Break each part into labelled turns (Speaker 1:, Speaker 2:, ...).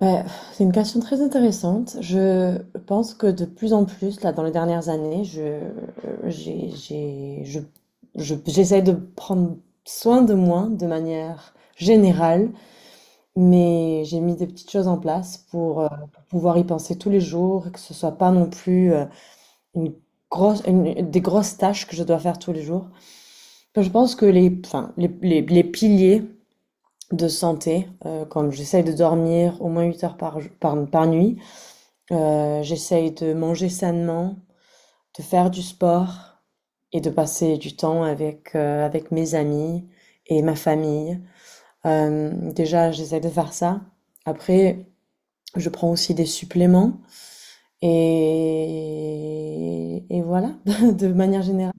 Speaker 1: Ouais, c'est une question très intéressante. Je pense que de plus en plus, là, dans les dernières années, je, j'ai, je- j'essaie de prendre soin de moi de manière générale, mais j'ai mis des petites choses en place pour pouvoir y penser tous les jours, et que ce soit pas non plus une grosse, des grosses tâches que je dois faire tous les jours. Je pense que les, enfin, les piliers de santé, comme j'essaie de dormir au moins 8 heures par nuit. J'essaye de manger sainement, de faire du sport et de passer du temps avec mes amis et ma famille. Déjà j'essaie de faire ça. Après, je prends aussi des suppléments et voilà, de manière générale.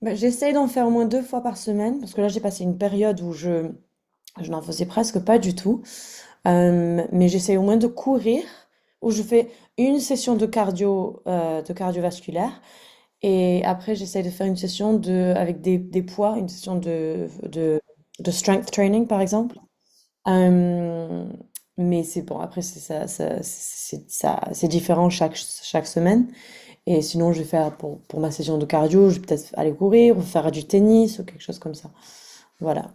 Speaker 1: Bah, j'essaie d'en faire au moins deux fois par semaine parce que là, j'ai passé une période où je n'en faisais presque pas du tout. Mais j'essaie au moins de courir, où je fais une session de cardio, de cardiovasculaire, et après j'essaie de faire une session avec des poids, une session de strength training par exemple. Euh, mais c'est bon, après c'est ça, ça- c'est différent chaque semaine. Et sinon, je vais faire pour ma session de cardio, je vais peut-être aller courir ou faire du tennis ou quelque chose comme ça. Voilà.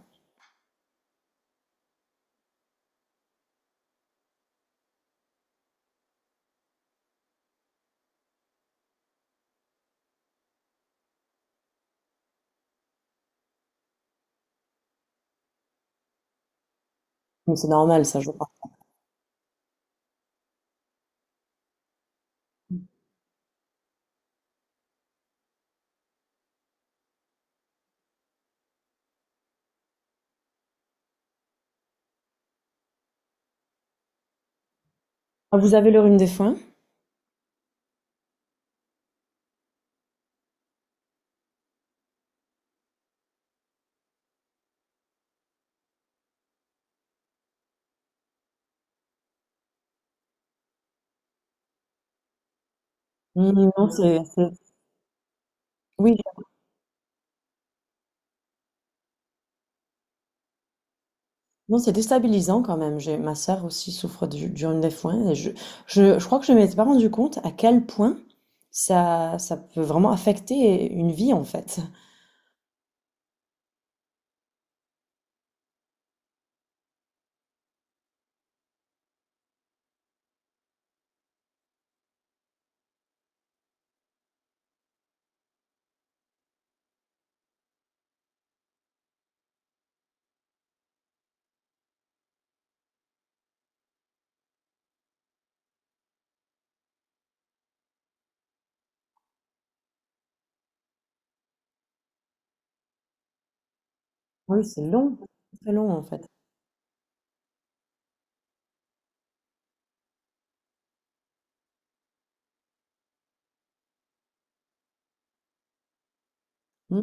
Speaker 1: Mais c'est normal, ça, je crois. Vous avez le rhume des foins? Mmh, non, c'est oui, non, c'est déstabilisant quand même. J'ai ma sœur aussi souffre du rhume des foins et je crois que je ne m'étais pas rendu compte à quel point ça peut vraiment affecter une vie, en fait. Oui, c'est long, c'est très long, en fait. Mmh.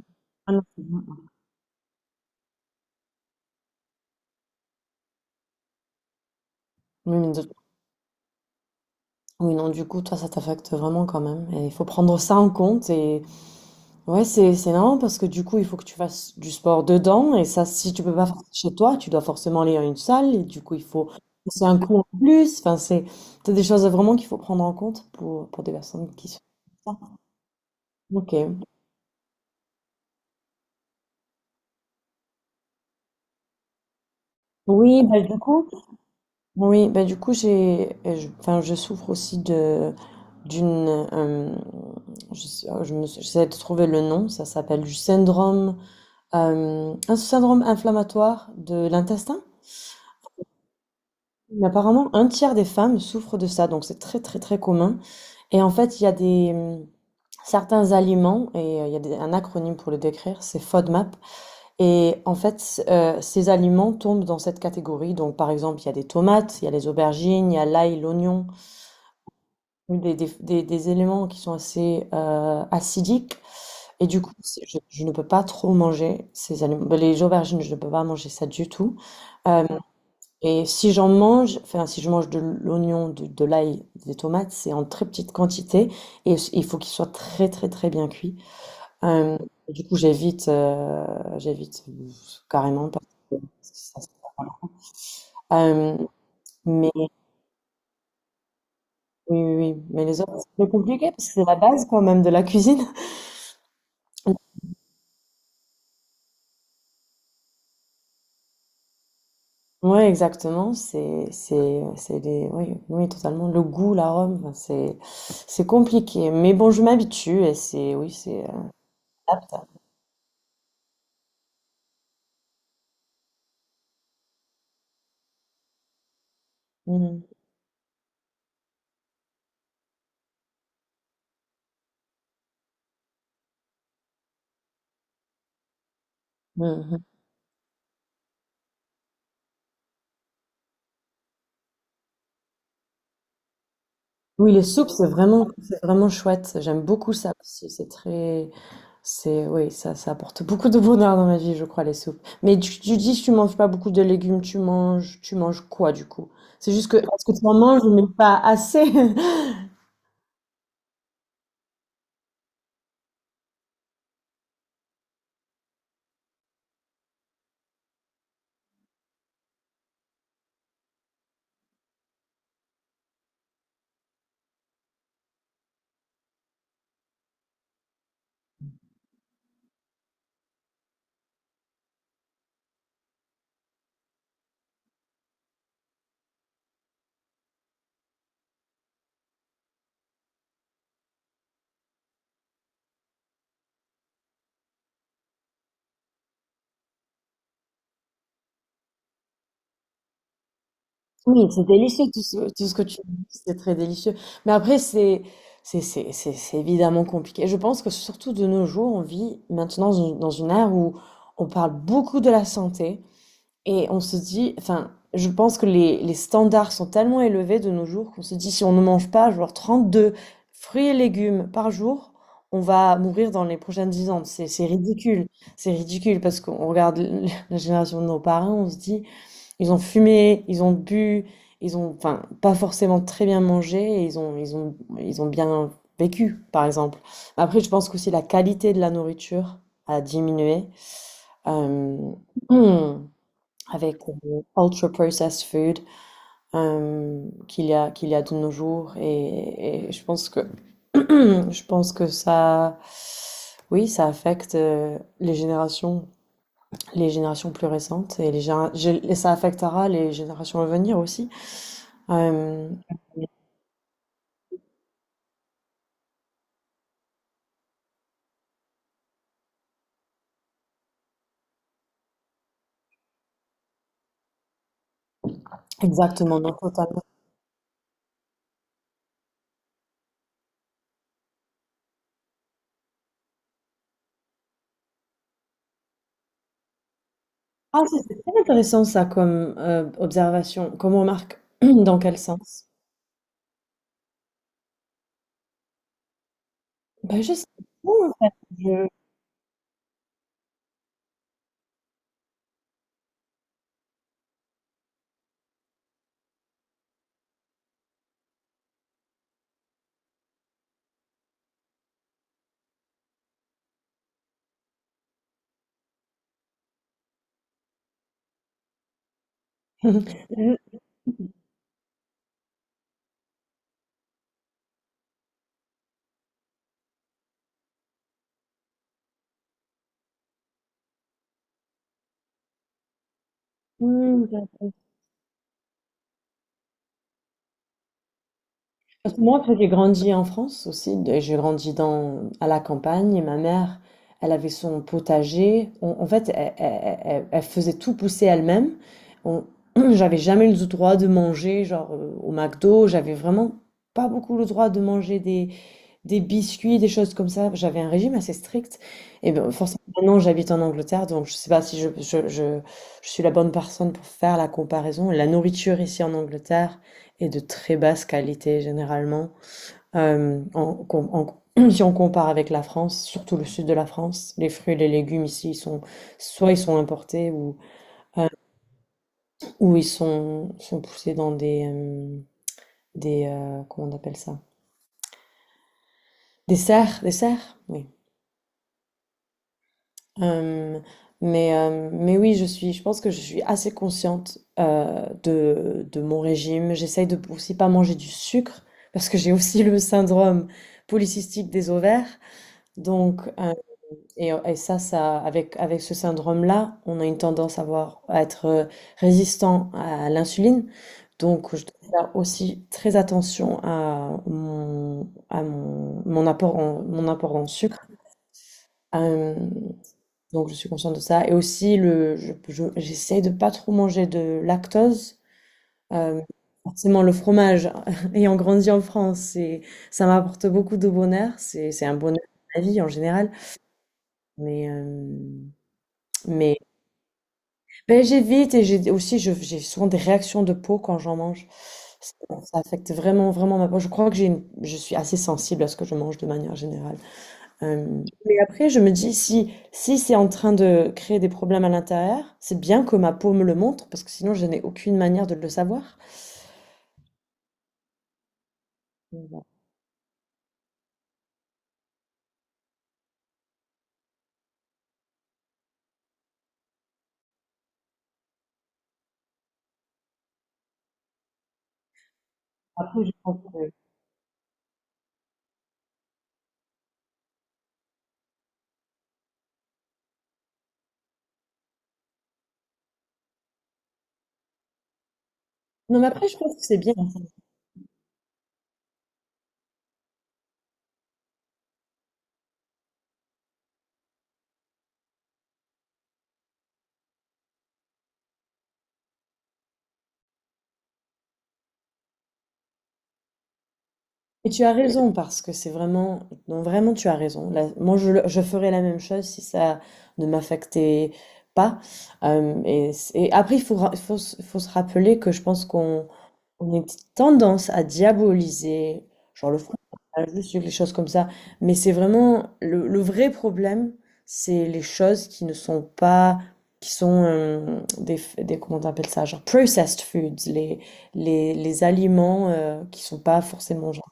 Speaker 1: Ah non, c'est long, hein. Oui, mais de oui, non, du coup, toi, ça t'affecte vraiment quand même et il faut prendre ça en compte. Et Ouais, c'est marrant parce que du coup, il faut que tu fasses du sport dedans et ça, si tu peux pas faire ça chez toi, tu dois forcément aller à une salle et du coup, il faut c'est un coût en plus. Enfin, c'est des choses vraiment qu'il faut prendre en compte pour des personnes qui sont font ça. Ok. Oui, bah du coup, enfin, je souffre aussi de d'une, euh, j'essaie de trouver le nom. Ça s'appelle un syndrome inflammatoire de l'intestin. Mais apparemment, un tiers des femmes souffrent de ça, donc c'est très très très commun. Et en fait, il y a des certains aliments, et il y a un acronyme pour le décrire, c'est FODMAP. Et en fait, ces aliments tombent dans cette catégorie. Donc par exemple, il y a des tomates, il y a les aubergines, il y a l'ail, l'oignon, des éléments qui sont assez acidiques. Et du coup, je ne peux pas trop manger ces aliments. Ben, les aubergines, je ne peux pas manger ça du tout. Euh, et si j'en mange, enfin si je mange de l'oignon, de l'ail, des tomates, c'est en très petite quantité et il faut qu'il soit très très très bien cuit. Euh, du coup, j'évite carrément parce que ça, c'est pas bon. Euh, mais oui, oui, oui. Mais les autres, c'est plus compliqué parce que c'est la base quand même de la cuisine. Oui, exactement. C'est des, oui, oui, totalement. Le goût, l'arôme, enfin, c'est compliqué. Mais bon, je m'habitue et oui, c'est. Apte. Mhm. Mhm. Oui, les soupes, c'est vraiment chouette. J'aime beaucoup ça aussi. Oui, ça apporte beaucoup de bonheur dans ma vie, je crois, les soupes. Mais tu dis que tu manges pas beaucoup de légumes, tu manges quoi, du coup? C'est juste que, est-ce que tu en manges, mais pas assez? Oui, c'est délicieux, tout ce que tu dis, c'est très délicieux. Mais après, c'est évidemment compliqué. Je pense que surtout de nos jours, on vit maintenant dans une ère où on parle beaucoup de la santé. Et on se dit, enfin, je pense que les standards sont tellement élevés de nos jours qu'on se dit, si on ne mange pas, genre 32 fruits et légumes par jour, on va mourir dans les prochaines 10 ans. C'est ridicule. C'est ridicule parce qu'on regarde la génération de nos parents, on se dit, ils ont fumé, ils ont bu, ils ont, enfin, pas forcément très bien mangé, et ils ont bien vécu, par exemple. Après, je pense qu'aussi la qualité de la nourriture a diminué. Euh, hmm Avec ultra processed food qu'il y a de nos jours et je pense que je pense que ça, oui, ça affecte les générations plus récentes et ça affectera les générations à venir aussi. Euh, Exactement, non, totalement. Ah, c'est très intéressant ça comme observation, comme remarque. Dans quel sens? Ben, je sais pas, en fait. Je- je- Hmm, Parce que moi, après, j'ai grandi en France aussi, et j'ai grandi à la campagne, et ma mère, elle avait son potager. En fait, elle faisait tout pousser elle-même. On- J'avais jamais le droit de manger, genre au McDo. J'avais vraiment pas beaucoup le droit de manger des biscuits, des choses comme ça. J'avais un régime assez strict et ben, forcément maintenant j'habite en Angleterre, donc je sais pas si je suis la bonne personne pour faire la comparaison. La nourriture ici en Angleterre est de très basse qualité généralement. Hem, en com en Si on compare avec la France, surtout le sud de la France, les fruits et les légumes ici, ils sont soit ils sont importés ou ils sont poussés dans des, comment on appelle ça? Des serres? Oui. Euh, mais oui, je pense que je suis assez consciente de mon régime. J'essaye de aussi pas manger du sucre parce que j'ai aussi le syndrome polycystique des ovaires. Donc, ça, avec ce syndrome-là, on a une tendance à être résistant à l'insuline. Donc, je dois faire aussi très attention à mon apport en sucre. Euh, donc je suis consciente de ça. Et aussi, j'essaye de pas trop manger de lactose. Euh, Forcément, le fromage, ayant grandi en France, ça m'apporte beaucoup de bonheur. C'est un bonheur de la vie en général. Mais, euh, mais ben, j'évite et j'ai aussi, j'ai souvent des réactions de peau quand j'en mange. Ça affecte vraiment, vraiment ma peau. Je crois que je suis assez sensible à ce que je mange de manière générale. Mais après, je me dis, si, c'est en train de créer des problèmes à l'intérieur, c'est bien que ma peau me le montre, parce que sinon, je n'ai aucune manière de le savoir. Mais bon. Après, je pense que. Non, mais après, je pense que c'est bien. Et tu as raison, parce que c'est vraiment. Non, vraiment, tu as raison. Là, moi, je ferais la même chose si ça ne m'affectait pas. Et après, il faut se rappeler que je pense qu'on on a une petite tendance à diaboliser, genre le fromage, le les choses comme ça. Mais c'est vraiment le vrai problème, c'est les choses qui ne sont pas, qui sont des, comment on appelle ça, genre processed foods, les aliments qui sont pas forcément genre.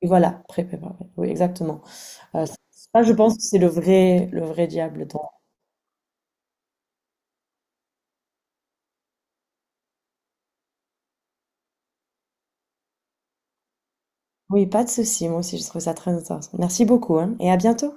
Speaker 1: Et voilà, pré-préparés. Oui, exactement. Ça, je pense que c'est le vrai, diable dans. Oui, pas de souci. Moi aussi, je trouve ça très intéressant. Merci beaucoup, hein, et à bientôt.